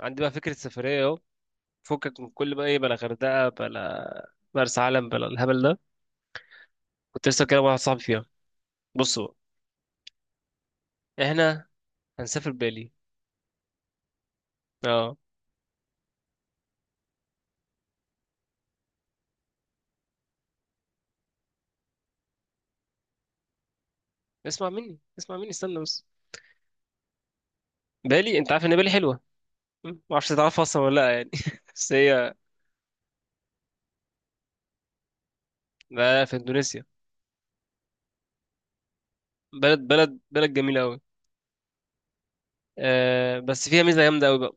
عندي بقى فكرة سفرية اهو. فكك من كل بقى ايه، بلا غردقة، بلا مرسى علم، بلا الهبل ده. كنت لسه كده واحد صاحبي فيها. بص بقى، احنا هنسافر بالي. اه، اسمع مني اسمع مني استنى بس. بالي، انت عارف ان بالي حلوة. ما اعرفش تعرفها اصلا ولا لا، يعني بس هي بقى في اندونيسيا. بلد بلد بلد جميلة قوي. آه بس فيها ميزة جامدة قوي بقى.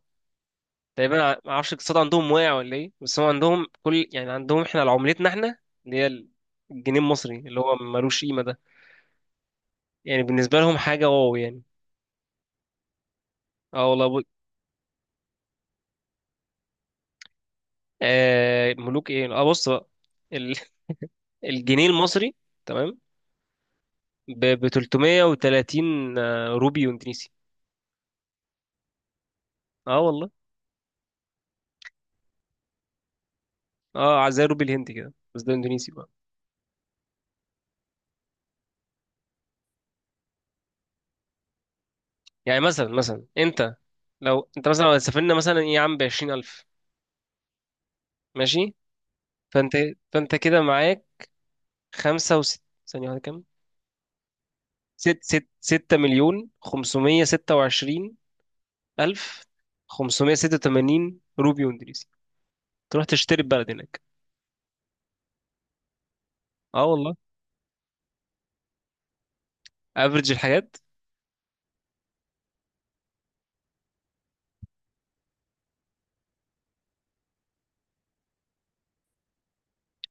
تقريبا ما اعرفش الاقتصاد عندهم واقع ولا ايه، بس هو عندهم كل، يعني عندهم احنا على عملتنا احنا اللي هي الجنيه المصري اللي هو ملوش قيمة ده. يعني بالنسبة لهم حاجة واو يعني. اه والله آه ملوك ايه، اه بص بقى. ال... الجنيه المصري. تمام. ب 330 روبي اندونيسي. اه والله. اه زي روبي الهندي كده، بس ده اندونيسي بقى. يعني مثلا انت، لو سافرنا مثلا ايه يا عم ب 20000. ماشي. فانت فانت كده معاك خمسة وست، ثانية واحدة كام. ست ست ستة مليون خمسمية ستة وعشرين ألف خمسمية ستة وتمانين روبي اندونيسي. تروح تشتري البلد هناك. اه والله. افريج الحاجات.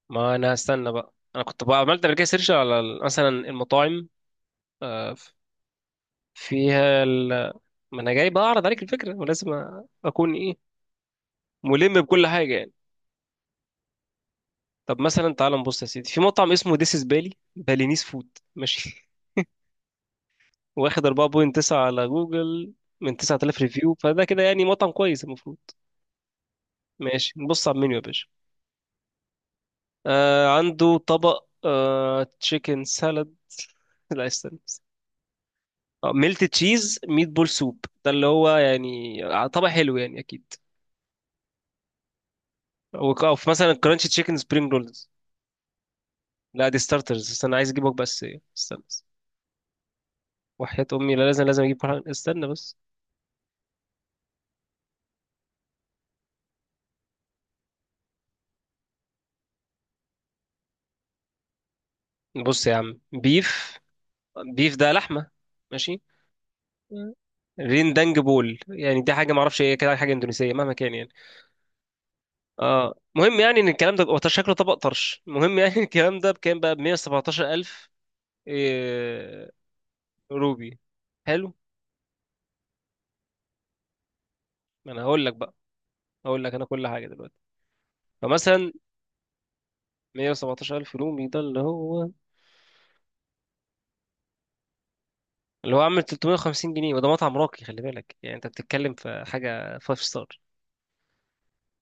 ما انا هستنى بقى، انا كنت بقى عملت قبل كده سيرش على مثلا المطاعم. آه، ف- فيها ما انا جاي بقى اعرض عليك الفكره، ولازم اكون ايه، ملم بكل حاجه يعني. طب مثلا تعال نبص يا سيدي في مطعم اسمه ديس از بالي بالينيس فود. ماشي. واخد 4.9 على جوجل من 9000 ريفيو، فده كده يعني مطعم كويس المفروض. ماشي، نبص على المنيو يا باشا. آه عنده طبق، تشيكن سالاد. لا استنى. ميلت تشيز ميت بول سوب، ده اللي هو يعني، طبع حلو يعني اكيد. او في مثلا كرانشي تشيكن سبرينج رولز. لا دي ستارترز، استنى، عايز اجيبك بس إيه. استنى بس. وحياة امي لا، لازم لازم اجيب استنى بس. بص يا عم، بيف، بيف ده لحمة. ماشي. مم. رين دانج بول، يعني دي حاجه ما اعرفش ايه، كده حاجه اندونيسيه مهما كان يعني. اه مهم يعني ان الكلام ده هو شكله طبق طرش، المهم يعني الكلام ده بكام بقى؟ ب 117000 إيه... روبي. حلو. ما انا هقول لك بقى، اقول لك انا كل حاجه دلوقتي. فمثلا 117 الف رومي ده، اللي هو عامل 350 جنيه، وده مطعم راقي خلي بالك، يعني انت بتتكلم في حاجه 5 ستار.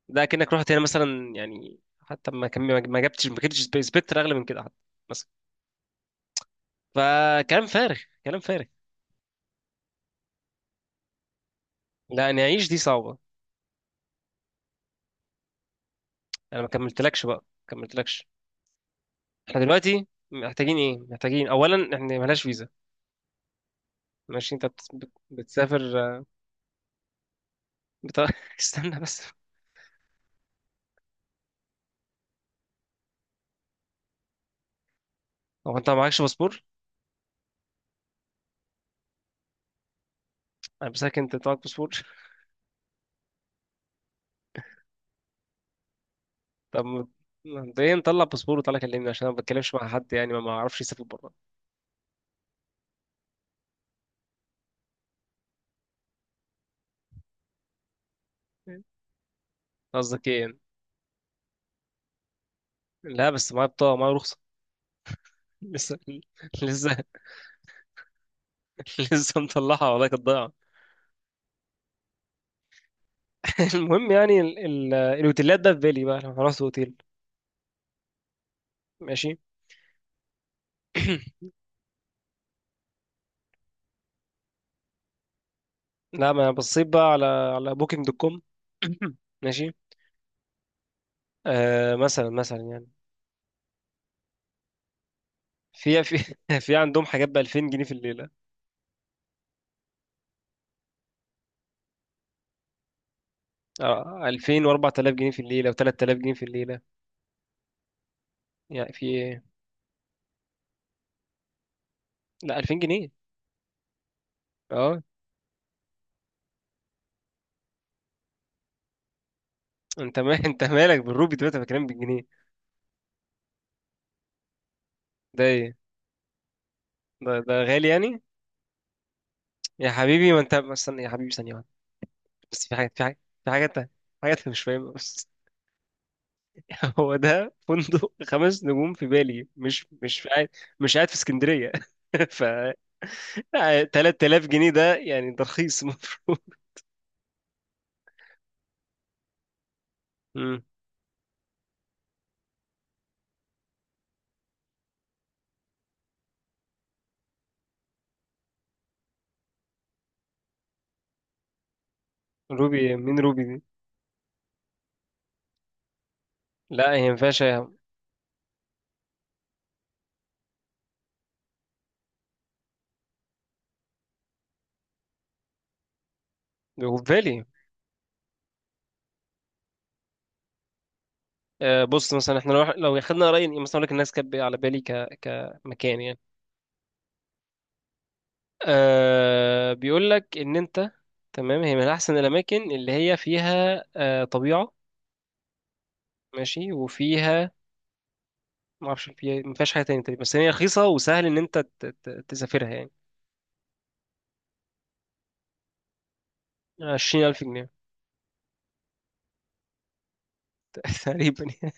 ده كأنك رحت هنا مثلا يعني، حتى ما كم ما جبتش سبكتر اغلى من كده حتى مثلا. فكلام فارغ، كلام فارغ. لا، انا اعيش دي صعبه. انا ما كملتلكش بقى، ما كملتلكش. احنا دلوقتي محتاجين ايه؟ محتاجين اولا، احنا ملهاش فيزا. ماشي. انت بتسافر، بت... استنى بس. هو انت معكش باسبور؟ انا بسالك، انت معاك باسبور؟ طب ما- ما- ده ايه، نطلع باسبور وتعالى كلمني، عشان انا ما بتكلمش مع حد يعني، ما اعرفش يسافر بره. قصدك ايه يعني؟ لا بس معايا بطاقه، معايا رخصه. لسه، لسه، لسه مطلعها والله، كانت ضايعه. المهم يعني الاوتيلات ده في بالي بقى، لو هنروح اوتيل. ماشي. لا، ما انا بصيت بقى على بوكينج دوت كوم. ماشي. آه، مثلا يعني، في في عندهم حاجات ب 2000 جنيه في الليله. اه 2000 و4000 جنيه في الليله و3000 جنيه في الليله. يعني في ايه؟ لا 2000 جنيه. اه ما انت مالك بالروبي دلوقتي، انا بكلمك بالجنيه. ده ايه؟ ده غالي يعني. يا حبيبي، ما انت، ما استنى يا حبيبي ثانيه واحده، بس في حاجه، في حاجه، في حاجه تانية، في حاجه انت مش فاهمها بس. هو ده فندق خمس نجوم في بالي، مش في قاعد، مش قاعد في اسكندريه. ف 3000 جنيه ده يعني، ده رخيص، المفروض. مم. روبي مين، روبي دي؟ لا هي ما ينفعش هو في بالي. بص مثلا احنا لو خدنا راي مثلا، اقول لك الناس كانت على بالي كمكان يعني. آه بيقول لك ان انت، تمام، هي من احسن الاماكن اللي هي فيها طبيعه. ماشي، وفيها، ما اعرفش فيها ما فيهاش حاجه تانية تقريبا، بس هي رخيصه وسهل ان انت تسافرها يعني. 20000 جنيه تقريبا يعني.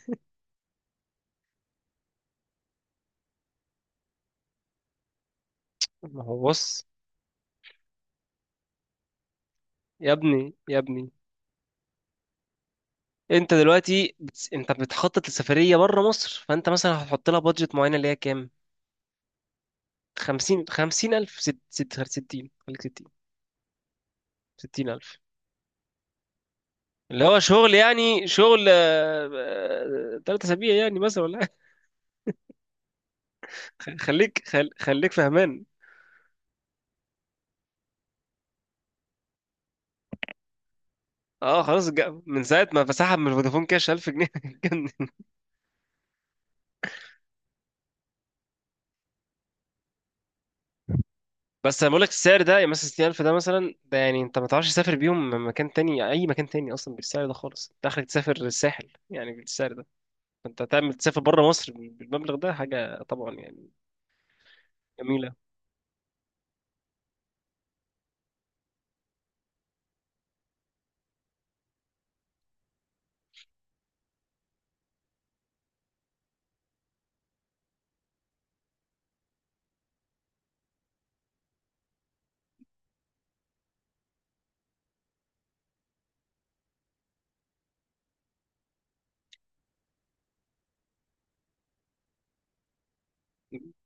ما هو بص، يا ابني يا ابني، انت دلوقتي انت بتخطط لسفريه بره مصر، فانت مثلا هتحط لها بادجت معينه اللي هي كام؟ 50 50000، ست 60، خليك 60، 60000، اللي هو شغل، يعني شغل 3 أسابيع يعني مثلا ولا حاجة. خليك فهمان. اه خلاص من ساعة ما فسحب من فودافون كاش 1000 جنيه، كان- بس أنا بقول لك السعر ده، يعني مثلا 60000 ده مثلا، ده يعني أنت ما تعرفش تسافر بيهم مكان تاني، أي مكان تاني أصلا بالسعر ده خالص، أنت آخرك تسافر الساحل يعني بالسعر ده. فأنت تعمل تسافر بره مصر بالمبلغ ده حاجة طبعا يعني جميلة.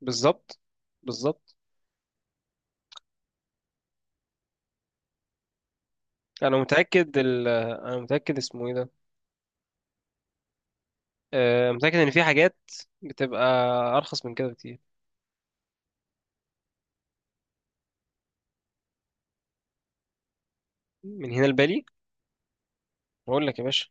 بالظبط، بالظبط. أنا متأكد أنا متأكد اسمه إيه ده، متأكد إن في حاجات بتبقى أرخص من كده بكتير. من هنا لبالي، أقول لك يا باشا.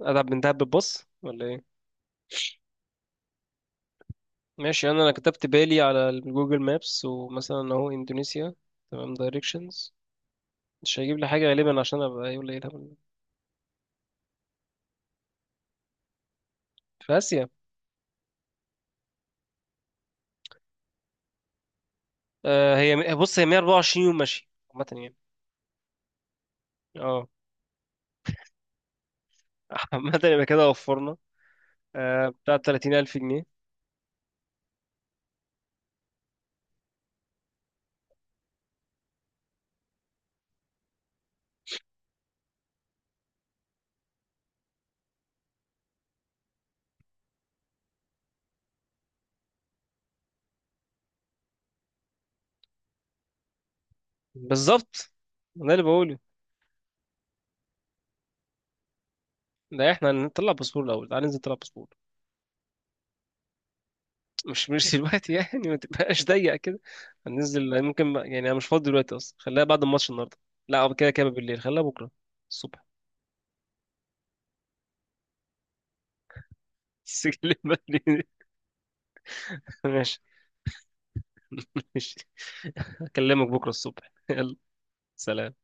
أدعب من دهب بالباص ولا إيه؟ ماشي. أنا كتبت بالي على جوجل مابس ومثلا أهو إندونيسيا، تمام، دايركشنز. مش هيجيب لي حاجة غالبا، عشان أبقى يقول لي إيه الهبل ده. في آسيا. آه، هي بص، هي 124 يوم ماشي، عامة يعني. أه عامة يبقى كده وفرنا بتاع 30000 جنيه. بالظبط، ده اللي بقوله. ده إحنا هنطلع باسبور الأول، تعالى ننزل نطلع باسبور. مش دلوقتي يعني، ما تبقاش ضيق كده. هننزل يعني انا مش فاضي دلوقتي اصلا، خليها بعد الماتش النهارده. لا، أو كده كده بالليل، خليها بكره الصبح. سجل بدري. ماشي. ماشي. اكلمك بكره الصبح، يلا. سلام.